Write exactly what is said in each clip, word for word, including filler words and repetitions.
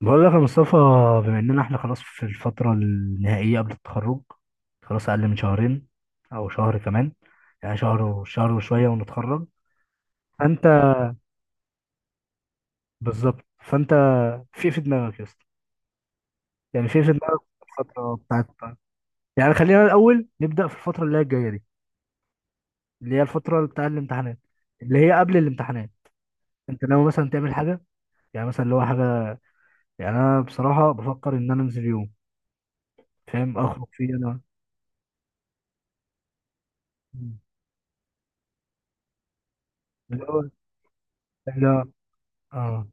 بقول لك يا مصطفى، بما اننا احنا خلاص في الفترة النهائية قبل التخرج. خلاص اقل من شهرين او شهر كمان. يعني شهر وشهر وشوية ونتخرج. فانت بالظبط فانت في إيه في دماغك يا اسطى؟ يعني في إيه في دماغك في الفترة بتاعت؟ يعني خلينا الاول نبدأ في الفترة اللي هي الجاية دي، اللي هي الفترة بتاع الامتحانات، اللي هي قبل الامتحانات. انت ناوي مثلا تعمل حاجة؟ يعني مثلا اللي هو حاجة. يعني انا بصراحة بفكر ان انا انزل يوم فاهم، اخرج فيه انا. اللي هو لا، اه،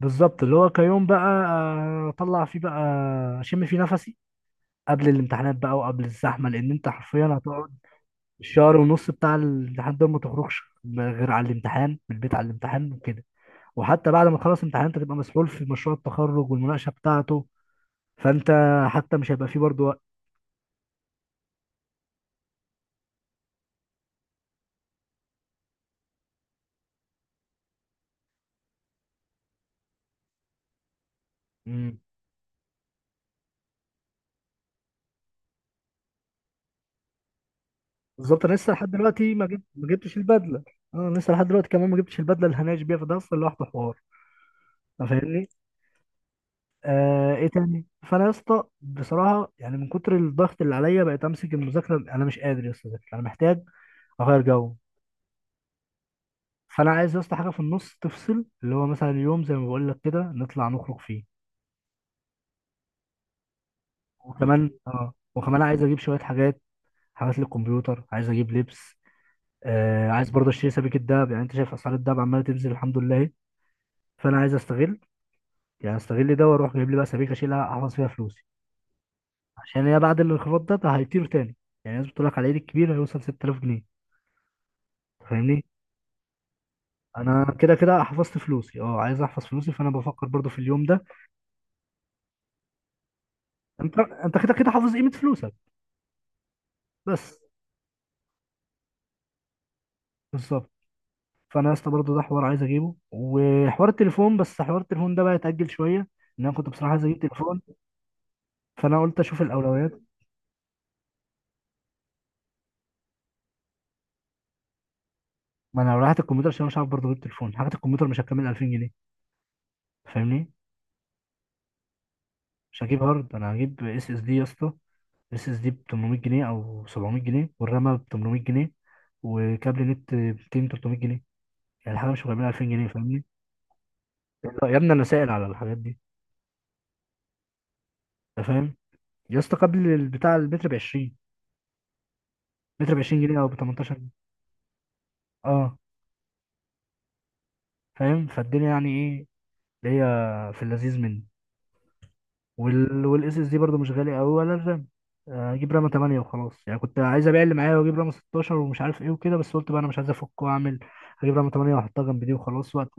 بالظبط، اللي هو كيوم بقى آه، اطلع فيه بقى، اشم فيه نفسي قبل الامتحانات بقى وقبل الزحمه، لان انت حرفيا هتقعد الشهر ونص بتاع الامتحان ده ما تخرجش غير على الامتحان، من البيت على الامتحان وكده. وحتى بعد ما تخلص الامتحان انت تبقى مسحول في مشروع التخرج والمناقشه بتاعته. فانت حتى مش هيبقى فيه برضه وقت. مم. بالظبط، انا لسه لحد دلوقتي ما جبت ما جبتش البدله. انا لسه لحد دلوقتي كمان ما جبتش البدله اللي هناقش بيها، فده اصلا لوحده حوار. أنت فاهمني؟ آه، ايه تاني؟ فانا يا اسطى بصراحه يعني من كتر الضغط اللي عليا بقيت امسك المذاكره، انا مش قادر يا اسطى أذاكر. انا محتاج اغير جو. فانا عايز يا اسطى حاجه في النص تفصل، اللي هو مثلا يوم زي ما بقول لك كده نطلع نخرج فيه. وكمان اه، وكمان عايز اجيب شويه حاجات، حاجات للكمبيوتر، عايز اجيب لبس. آه، عايز برضه اشتري سبيكه دهب. يعني انت شايف اسعار الدهب عماله تنزل، الحمد لله. فانا عايز استغل، يعني استغل ده واروح جايب لي بقى سبيكه اشيلها احفظ فيها فلوسي. عشان هي بعد الانخفاض ده، ده هيطير تاني. يعني الناس بتقول لك على العيد الكبير هيوصل ستة آلاف جنيه. فاهمني؟ انا كده كده حفظت فلوسي، اه عايز احفظ فلوسي، فانا بفكر برضو في اليوم ده. انت انت كده كده حافظ قيمه فلوسك، بس. بالظبط. فانا لسه برضو ده حوار عايز اجيبه، وحوار التليفون، بس حوار التليفون ده بقى يتاجل شويه. ان انا كنت بصراحه عايز اجيب تليفون، فانا قلت اشوف الاولويات. ما انا لو رحت الكمبيوتر، عشان أنا مش عارف برضو اجيب تليفون، حاجه الكمبيوتر مش هتكمل ألفين جنيه. فاهمني؟ مش هجيب هارد، انا هجيب اس اس دي يا اسطى. اس اس دي ب تمنمية جنيه او سبعمية جنيه، والرامه ب تمنمية جنيه، وكابل نت ب ميتين تلتمية جنيه. يعني الحاجه مش مكمله ألفين جنيه، فاهمني؟ لا يا ابني، انا سائل على الحاجات دي. انت فاهم؟ يا اسطى قبل البتاع المتر ب عشرين، متر ب عشرين جنيه او ب تمنتاشر جنيه. اه فاهم، فالدنيا يعني ايه، اللي هي في اللذيذ منه. وال والاس اس دي برضه مش غالي قوي، ولا الرام. آه، اجيب رامه تمانية وخلاص. يعني كنت عايز ابيع اللي معايا واجيب رامه ستاشر ومش عارف ايه وكده، بس قلت بقى انا مش عايز افك واعمل. هجيب رامه تمانية واحطها جنب دي وخلاص وقت.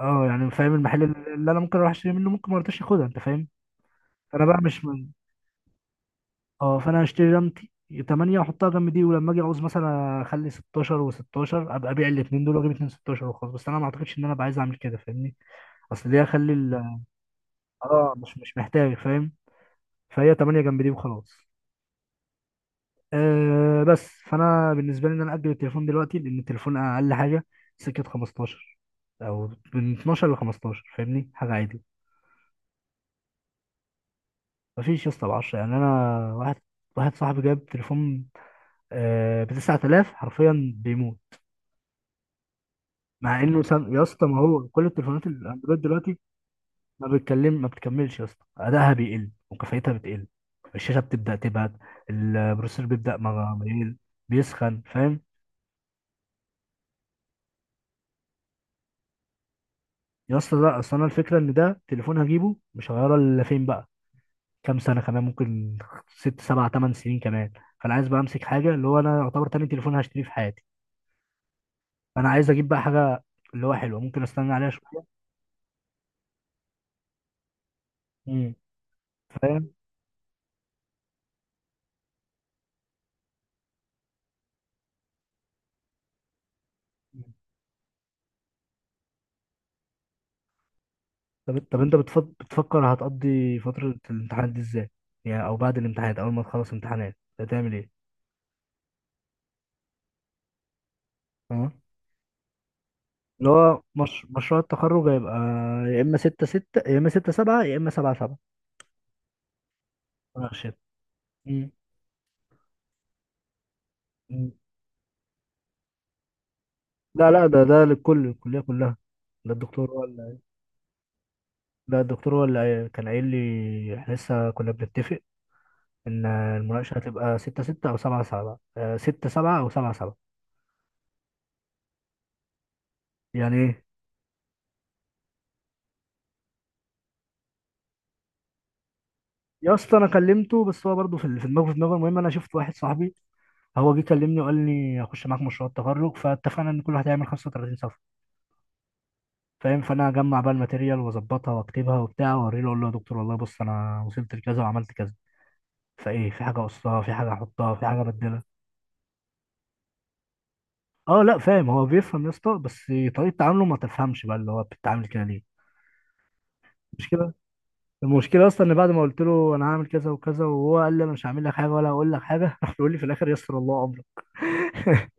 اه يعني فاهم، المحل اللي انا ممكن اروح اشتري منه ممكن ما رضاش ياخدها، انت فاهم. فانا بقى مش، اه، فانا هشتري رمتي تمانية واحطها جنب دي، ولما اجي اعوز مثلا اخلي ستاشر و16، ابقى ابيع الاثنين دول واجيب اثنين ستاشر وخلاص. بس انا ما اعتقدش ان انا ابقى عايز اعمل كده، فاهمني؟ اصل ليه اخلي ال- اه مش مش محتاج، فاهم؟ فهي تمانية جنب دي وخلاص. آه بس فانا بالنسبه لي ان انا اجل التليفون دلوقتي، لان التليفون اقل حاجه سكه خمستاشر، او من اتناشر ل خمستاشر، فاهمني، حاجه عادي. مفيش يا اسطى ب عشرة. يعني انا واحد، واحد صاحبي جاب تليفون آه ب تسعة آلاف، حرفيا بيموت مع انه سام... يا اسطى، ما هو كل التليفونات الاندرويد دلوقتي ما بتكلم ما بتكملش يا اسطى، ادائها بيقل وكفايتها بتقل، الشاشه بتبدا تبعد، البروسيسور بيبدا مغ- يقل، بيسخن، فاهم؟ يا اسطى لا، اصل انا الفكره ان ده تليفون هجيبه مش هغيره الا فين بقى، كام سنه كمان، ممكن ست سبع تمن سنين كمان. فانا عايز بقى امسك حاجه، اللي هو انا يعتبر تاني تليفون هشتريه في حياتي، فانا عايز اجيب بقى حاجه اللي هو حلوه، ممكن استنى عليها شويه. امم فاهم؟ طب طب انت بتفض... بتفكر هتقضي فترة الامتحانات دي ازاي؟ يعني او بعد الامتحانات، اول ما تخلص امتحانات هتعمل ايه؟ اه، اللي هو مش... مشروع التخرج هيبقى يا اما ستة ستة، يا اما ستة سبعة، يا اما سبعة سبعة مناقشة. مم. مم. لا لا، ده ده للكل، الكلية كلها. ده الدكتور هو اللي، ده الدكتور هو اللي كان قايل لي، احنا لسه كنا بنتفق ان المناقشة هتبقى ستة ستة او سبعة سبعة، آه، ستة سبعة او سبعة سبعة. يعني ايه؟ يا اسطى انا كلمته، بس هو برضه في ال- في دماغه، في دماغه. المهم انا شفت واحد صاحبي، هو جه كلمني وقال لي اخش معاك مشروع التخرج، فاتفقنا ان كل واحد هيعمل خمسة وتلاتين صفحه، فاهم؟ فانا اجمع بقى الماتيريال واظبطها واكتبها وبتاع، واوريه له اقول له يا دكتور والله بص انا وصلت لكذا وعملت كذا، فايه؟ في حاجه اقصها، في حاجه احطها، في حاجه ابدلها. اه لا فاهم، هو بيفهم يا اسطى، بس طريقه تعامله ما تفهمش بقى، اللي هو بتتعامل كده ليه؟ المشكله المشكله اصلا ان بعد ما قلت له انا هعمل كذا وكذا، وهو قال لي انا مش هعمل لك حاجه ولا هقول لك حاجه، راح بيقول لي في الاخر يسر الله امرك.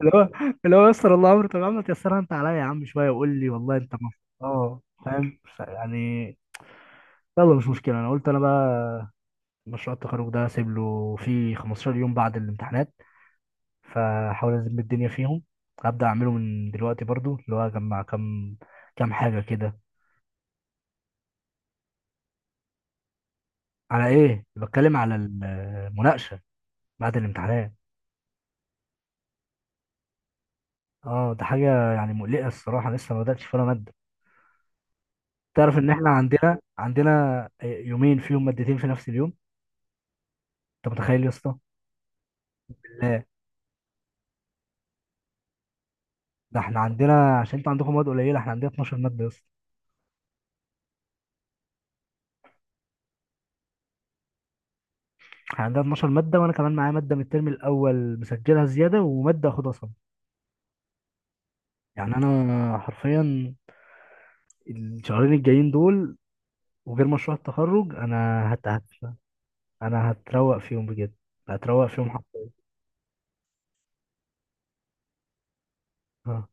اللي هو اللي هو يسر الله امره؟ طب يا عم تيسرها انت عليا يا عم شويه، وقول لي والله انت مف... اه فاهم، ف- يعني يلا مش مشكله. انا قلت انا بقى مشروع التخرج ده اسيب له فيه خمستاشر يوم بعد الامتحانات، فحاول ازم الدنيا فيهم. هبدا اعمله من دلوقتي برضو، اللي هو اجمع كام كام حاجه كده. على ايه بتكلم، على المناقشه بعد الامتحانات؟ اه ده حاجه يعني مقلقه الصراحه، لسه ما بداتش ولا ماده. تعرف ان احنا عندنا عندنا يومين فيهم مادتين في نفس اليوم؟ انت متخيل يا اسطى؟ لا ده احنا عندنا، عشان انتوا عندكم مواد قليله، احنا عندنا اتناشر ماده يا اسطى. احنا عندنا اتناشر ماده، وانا كمان معايا ماده من الترم الاول مسجلها زياده، وماده اخدها صم. يعني انا حرفيا الشهرين الجايين دول، وغير مشروع التخرج، انا هت... هت... انا هتروق فيهم بجد، هتروق فيهم حرفيا. اه،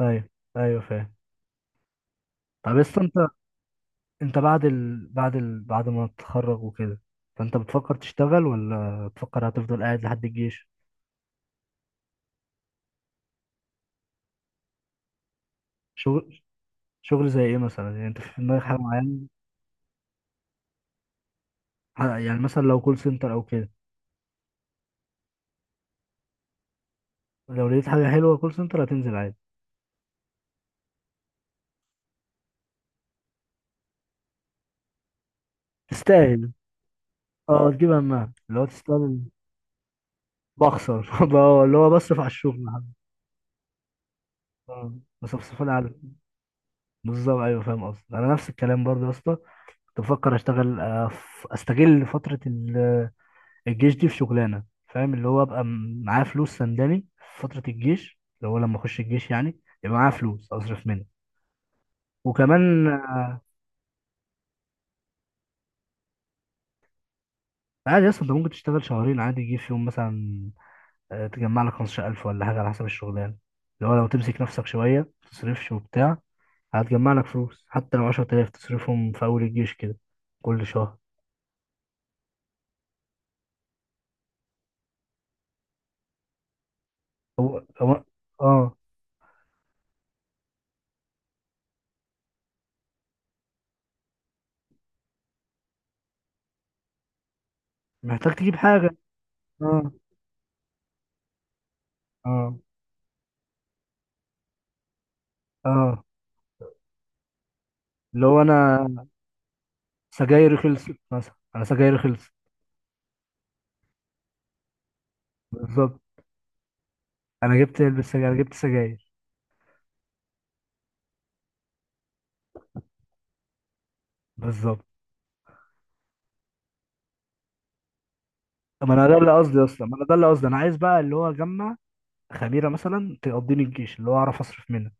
ايوه ايوه فاهم. طب لسه انت، انت بعد ال... بعد ال... بعد ما تتخرج وكده، فانت بتفكر تشتغل ولا بتفكر هتفضل قاعد لحد الجيش؟ شغل، شغل زي ايه مثلا؟ يعني انت في دماغك حاجه معينه؟ ح- يعني مثلا لو كول سنتر او كده، لو لقيت حاجه حلوه كول سنتر هتنزل عادي؟ تستاهل، اه تجيب همها، اللي هو تستاهل. بخسر، ب- اللي هو بصرف على الشغل لحد- اه، بصفصف لي على، بالظبط ايوه فاهم قصدي. انا نفس الكلام برضه يا اسطى، كنت بفكر اشتغل، آه، ف- استغل فتره ال- الجيش دي في شغلانه، فاهم؟ اللي هو ابقى م- معايا فلوس سنداني في فتره الجيش، اللي هو لما اخش الجيش يعني يبقى معايا فلوس اصرف منها. وكمان، عادي اصلا انت ممكن تشتغل شهرين عادي، يجي في يوم مثلا، آه، تجمع لك خمستاشر ألف ولا حاجة على حسب الشغلانة، اللي هو لو تمسك نفسك شوية متصرفش وبتاع هتجمع لك فلوس، حتى لو عشرتالاف تصرفهم في أول الجيش كده، كل شهر. هو هو، اه. محتاج تجيب حاجة، اه اه. اه اللي هو أنا، سجايري خلصت مثلا، أنا سجايري خلصت. بالظبط، أنا جبت علبة سجاير، أنا جبت سجاير. بالظبط، ما أنا ده اللي قصدي أصلا. ما أنا ده اللي قصدي، أنا عايز بقى اللي هو أجمع خميرة مثلا تقضيني الجيش، اللي هو أعرف أصرف منها،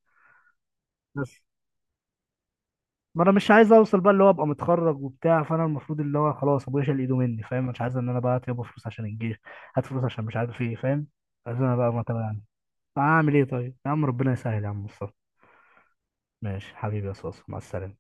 بس. ما انا مش عايز اوصل بقى اللي هو ابقى متخرج وبتاع، فانا المفروض اللي هو خلاص ابويا شال ايده مني، فاهم؟ مش عايز ان انا بقى يابا فلوس عشان الجيش، هات فلوس عشان مش عارف ايه، فاهم؟ عايز انا بقى ما تبقى يعني، اعمل ايه طيب يا عم؟ ربنا يسهل يا عم مصطفى. ماشي حبيبي يا صوص، مع السلامه.